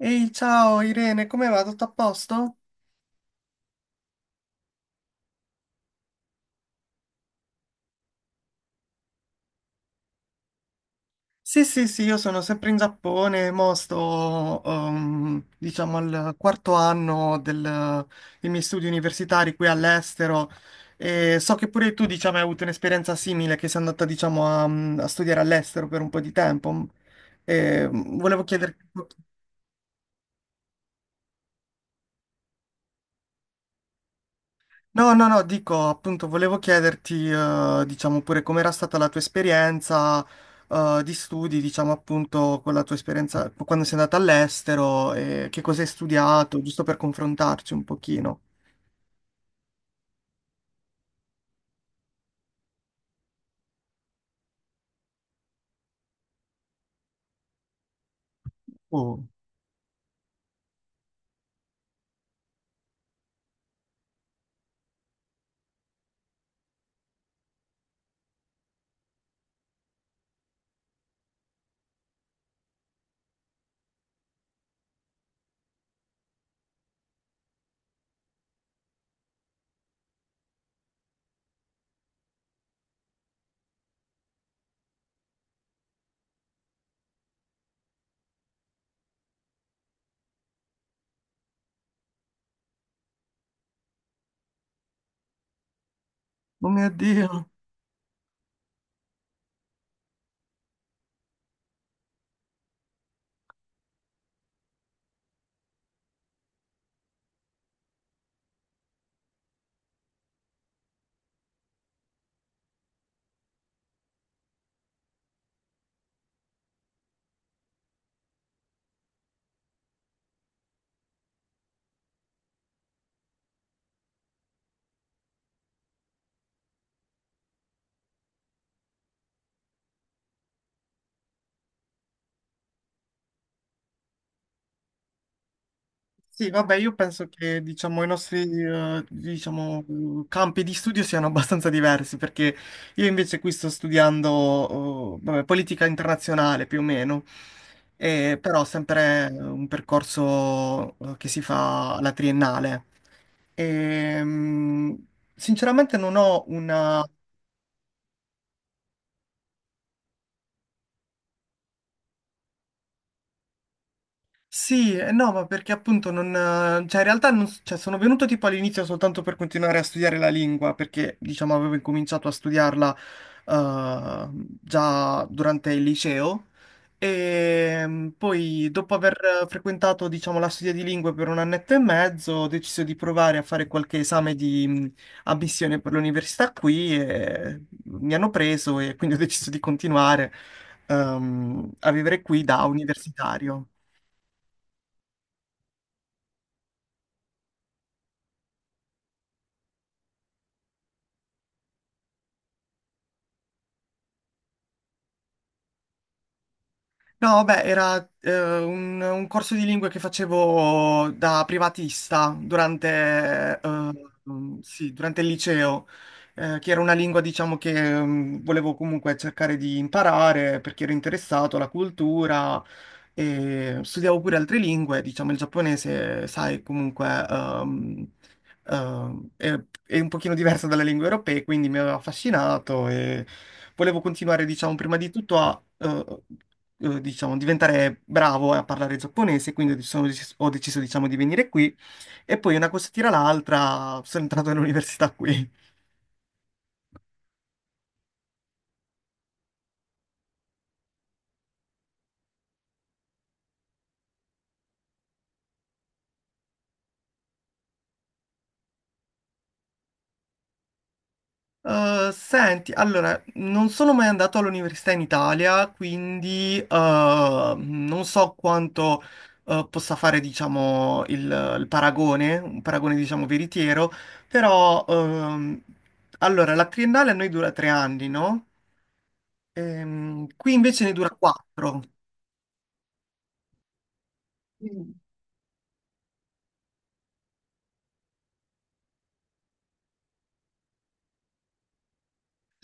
Ehi, ciao Irene, come va? Tutto a posto? Sì, sì, sì, io sono sempre in Giappone, mo sto, diciamo, al quarto anno dei miei studi universitari qui all'estero e so che pure tu, diciamo, hai avuto un'esperienza simile, che sei andata, diciamo, a studiare all'estero per un po' di tempo. E volevo chiederti. No, no, no, dico, appunto, volevo chiederti, diciamo pure com'era stata la tua esperienza, di studi, diciamo appunto, con la tua esperienza quando sei andata all'estero e che cosa hai studiato, giusto per confrontarci un pochino. Oh, oh mio Dio. Sì, vabbè, io penso che diciamo, i nostri diciamo, campi di studio siano abbastanza diversi, perché io invece qui sto studiando vabbè, politica internazionale più o meno, e, però sempre un percorso che si fa alla triennale. E, sinceramente non ho una. Sì, no, ma perché appunto non. Cioè, in realtà non cioè, sono venuto tipo all'inizio soltanto per continuare a studiare la lingua, perché diciamo avevo incominciato a studiarla eh, già durante il liceo e poi dopo aver frequentato diciamo la studia di lingue per un annetto e mezzo ho deciso di provare a fare qualche esame di ammissione per l'università qui e mi hanno preso e quindi ho deciso di continuare a vivere qui da universitario. No, beh, era un corso di lingue che facevo da privatista durante, sì, durante il liceo, che era una lingua, diciamo, che volevo comunque cercare di imparare perché ero interessato alla cultura e studiavo pure altre lingue, diciamo, il giapponese, sai, comunque ehm, è, è un pochino diverso dalle lingue europee, quindi mi aveva affascinato e volevo continuare, diciamo, prima di tutto a diciamo, diventare bravo a parlare giapponese, quindi ho deciso, diciamo, di venire qui e poi una cosa tira l'altra, sono entrato all'università qui. Senti, allora, non sono mai andato all'università in Italia, quindi non so quanto possa fare, diciamo, il paragone, un paragone, diciamo, veritiero, però, allora, la triennale a noi dura 3 anni, no? Qui invece ne dura quattro.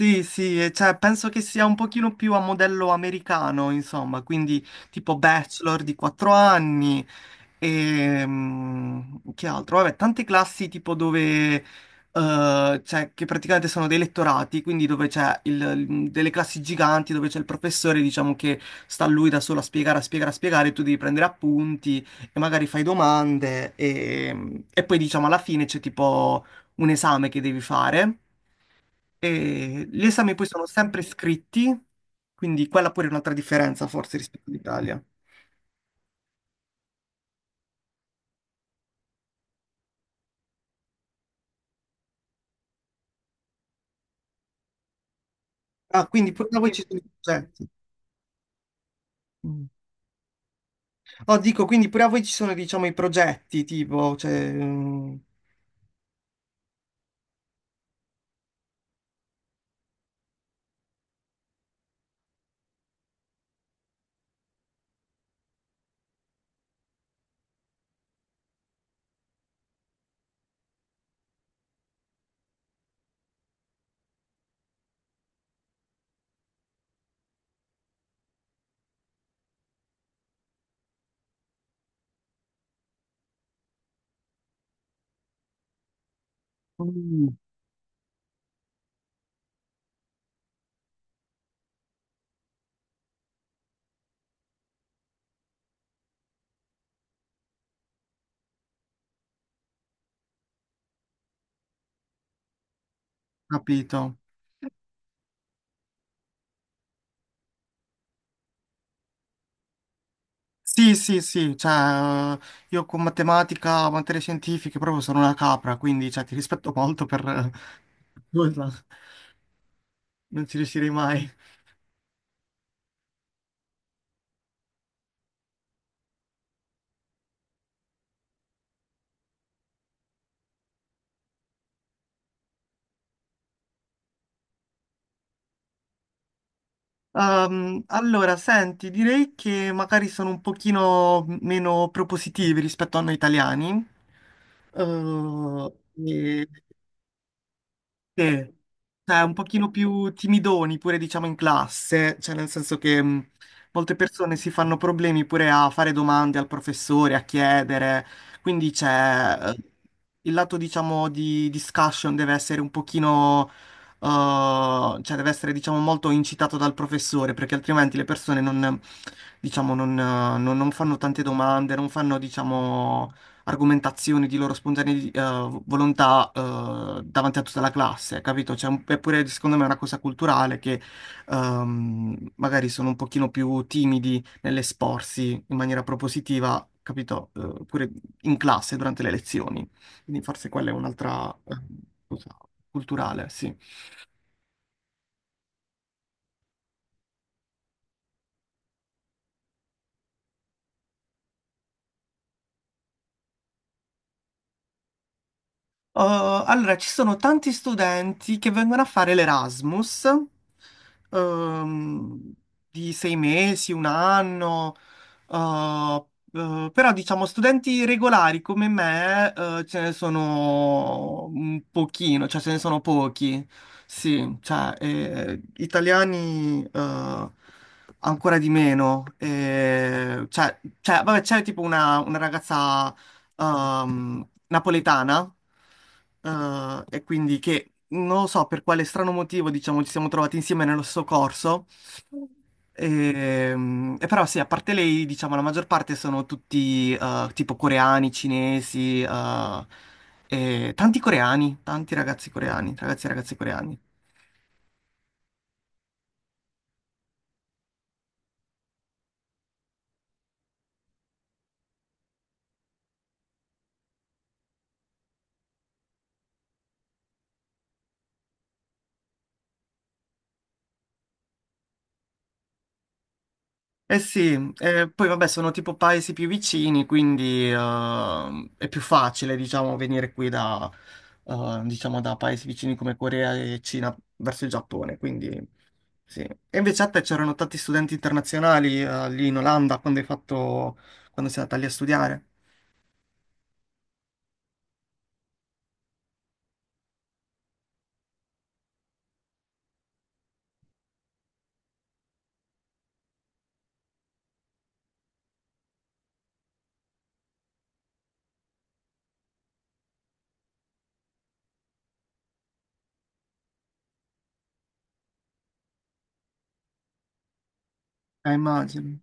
Sì, sì, e cioè, penso che sia un pochino più a modello americano, insomma, quindi tipo bachelor di 4 anni e che altro? Vabbè, tante classi tipo dove, cioè, che praticamente sono dei lettorati, quindi dove c'è delle classi giganti, dove c'è il professore, diciamo, che sta lui da solo a spiegare, a spiegare, a spiegare, tu devi prendere appunti e magari fai domande e poi, diciamo, alla fine c'è tipo un esame che devi fare. E gli esami poi sono sempre scritti, quindi quella pure è un'altra differenza forse rispetto all'Italia. Ah, quindi pure a voi ci sono i progetti. Mm. Oh, dico, quindi pure a voi ci sono, diciamo, i progetti, tipo, cioè. Mm, Capito. Sì, sì, sì, cioè, io con matematica, materie scientifiche proprio sono una capra, quindi, cioè, ti rispetto molto per. Nulla, non ci riuscirei mai. Allora, senti, direi che magari sono un pochino meno propositivi rispetto a noi italiani. Eh, e- sì, cioè un pochino più timidoni pure diciamo in classe, cioè nel senso che molte persone si fanno problemi pure a fare domande al professore, a chiedere, quindi c'è il lato diciamo di discussion deve essere un pochino, cioè deve essere diciamo molto incitato dal professore perché altrimenti le persone non, diciamo, non, non fanno tante domande, non fanno diciamo argomentazioni di loro spontanea volontà davanti a tutta la classe, capito? Cioè, è pure secondo me è una cosa culturale che magari sono un pochino più timidi nell'esporsi in maniera propositiva, capito? Pure in classe durante le lezioni. Quindi forse quella è un'altra cosa culturale, sì. Uh, allora, ci sono tanti studenti che vengono a fare l'Erasmus, ehm, di 6 mesi, un anno, uh, però diciamo studenti regolari come me, ce ne sono un pochino, cioè ce ne sono pochi, sì, cioè italiani ancora di meno, cioè, cioè, vabbè c'è tipo una ragazza napoletana, e quindi che non lo so per quale strano motivo, diciamo, ci siamo trovati insieme nello stesso corso. E però sì, a parte lei, diciamo, la maggior parte sono tutti tipo coreani, cinesi, e tanti coreani, tanti ragazzi coreani, ragazzi e ragazze coreani. Eh sì, poi vabbè sono tipo paesi più vicini, quindi è più facile diciamo venire qui da, diciamo, da paesi vicini come Corea e Cina verso il Giappone, quindi sì. E invece a te c'erano tanti studenti internazionali lì in Olanda quando sei andata lì a studiare? Immagino.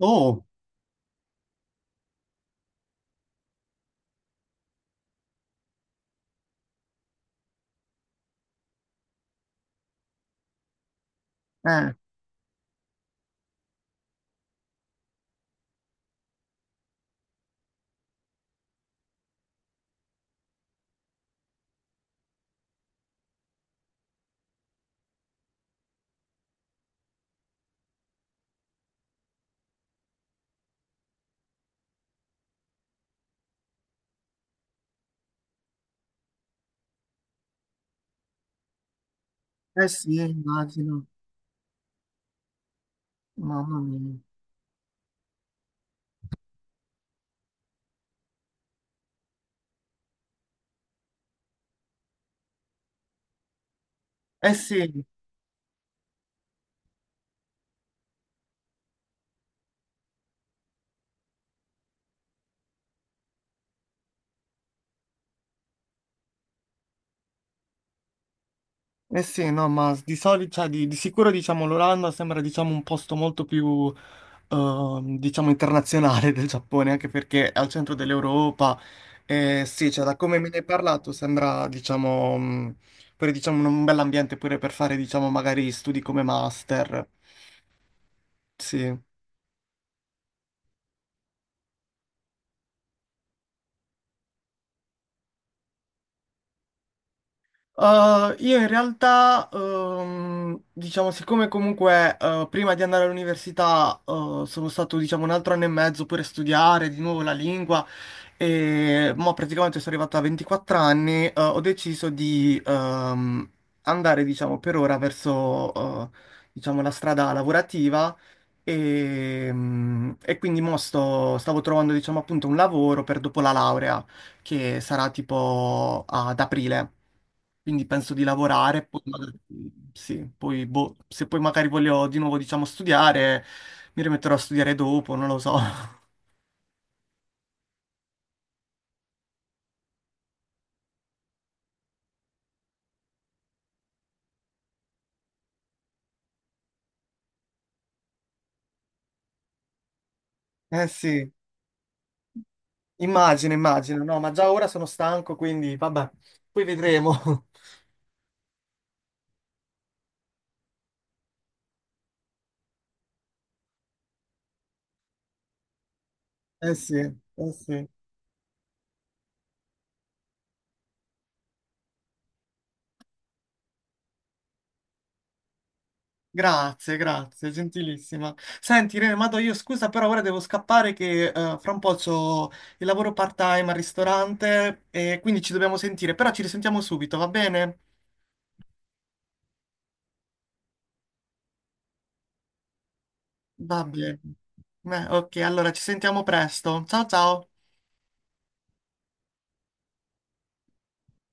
Oh, eh, eh sì, immagino, mamma mia. Eh sì, eh sì, no, ma di solito, cioè, di sicuro diciamo l'Olanda sembra diciamo un posto molto più diciamo internazionale del Giappone, anche perché è al centro dell'Europa. Sì, cioè, da come me ne hai parlato sembra diciamo pure diciamo un bel ambiente pure per fare diciamo magari studi come master. Sì. Io in realtà, diciamo, siccome comunque prima di andare all'università sono stato, diciamo, un altro anno e mezzo pure a studiare di nuovo la lingua, e mo praticamente sono arrivato a 24 anni, ho deciso di andare, diciamo, per ora verso, eh, diciamo, la strada lavorativa e quindi mo stavo trovando, diciamo, appunto un lavoro per dopo la laurea, che sarà tipo ad aprile. Quindi penso di lavorare, poi sì, poi, boh, se poi magari voglio di nuovo, diciamo, studiare, mi rimetterò a studiare dopo, non lo so. Eh sì, immagino, immagino, no, ma già ora sono stanco, quindi vabbè, poi vedremo. Eh sì, eh sì. Grazie, grazie, gentilissima. Senti, Irene, ma do io scusa, però ora devo scappare che fra un po' c'ho il lavoro part-time al ristorante e quindi ci dobbiamo sentire, però ci risentiamo subito, va bene? Va bene. Beh, ok, allora ci sentiamo presto. Ciao ciao.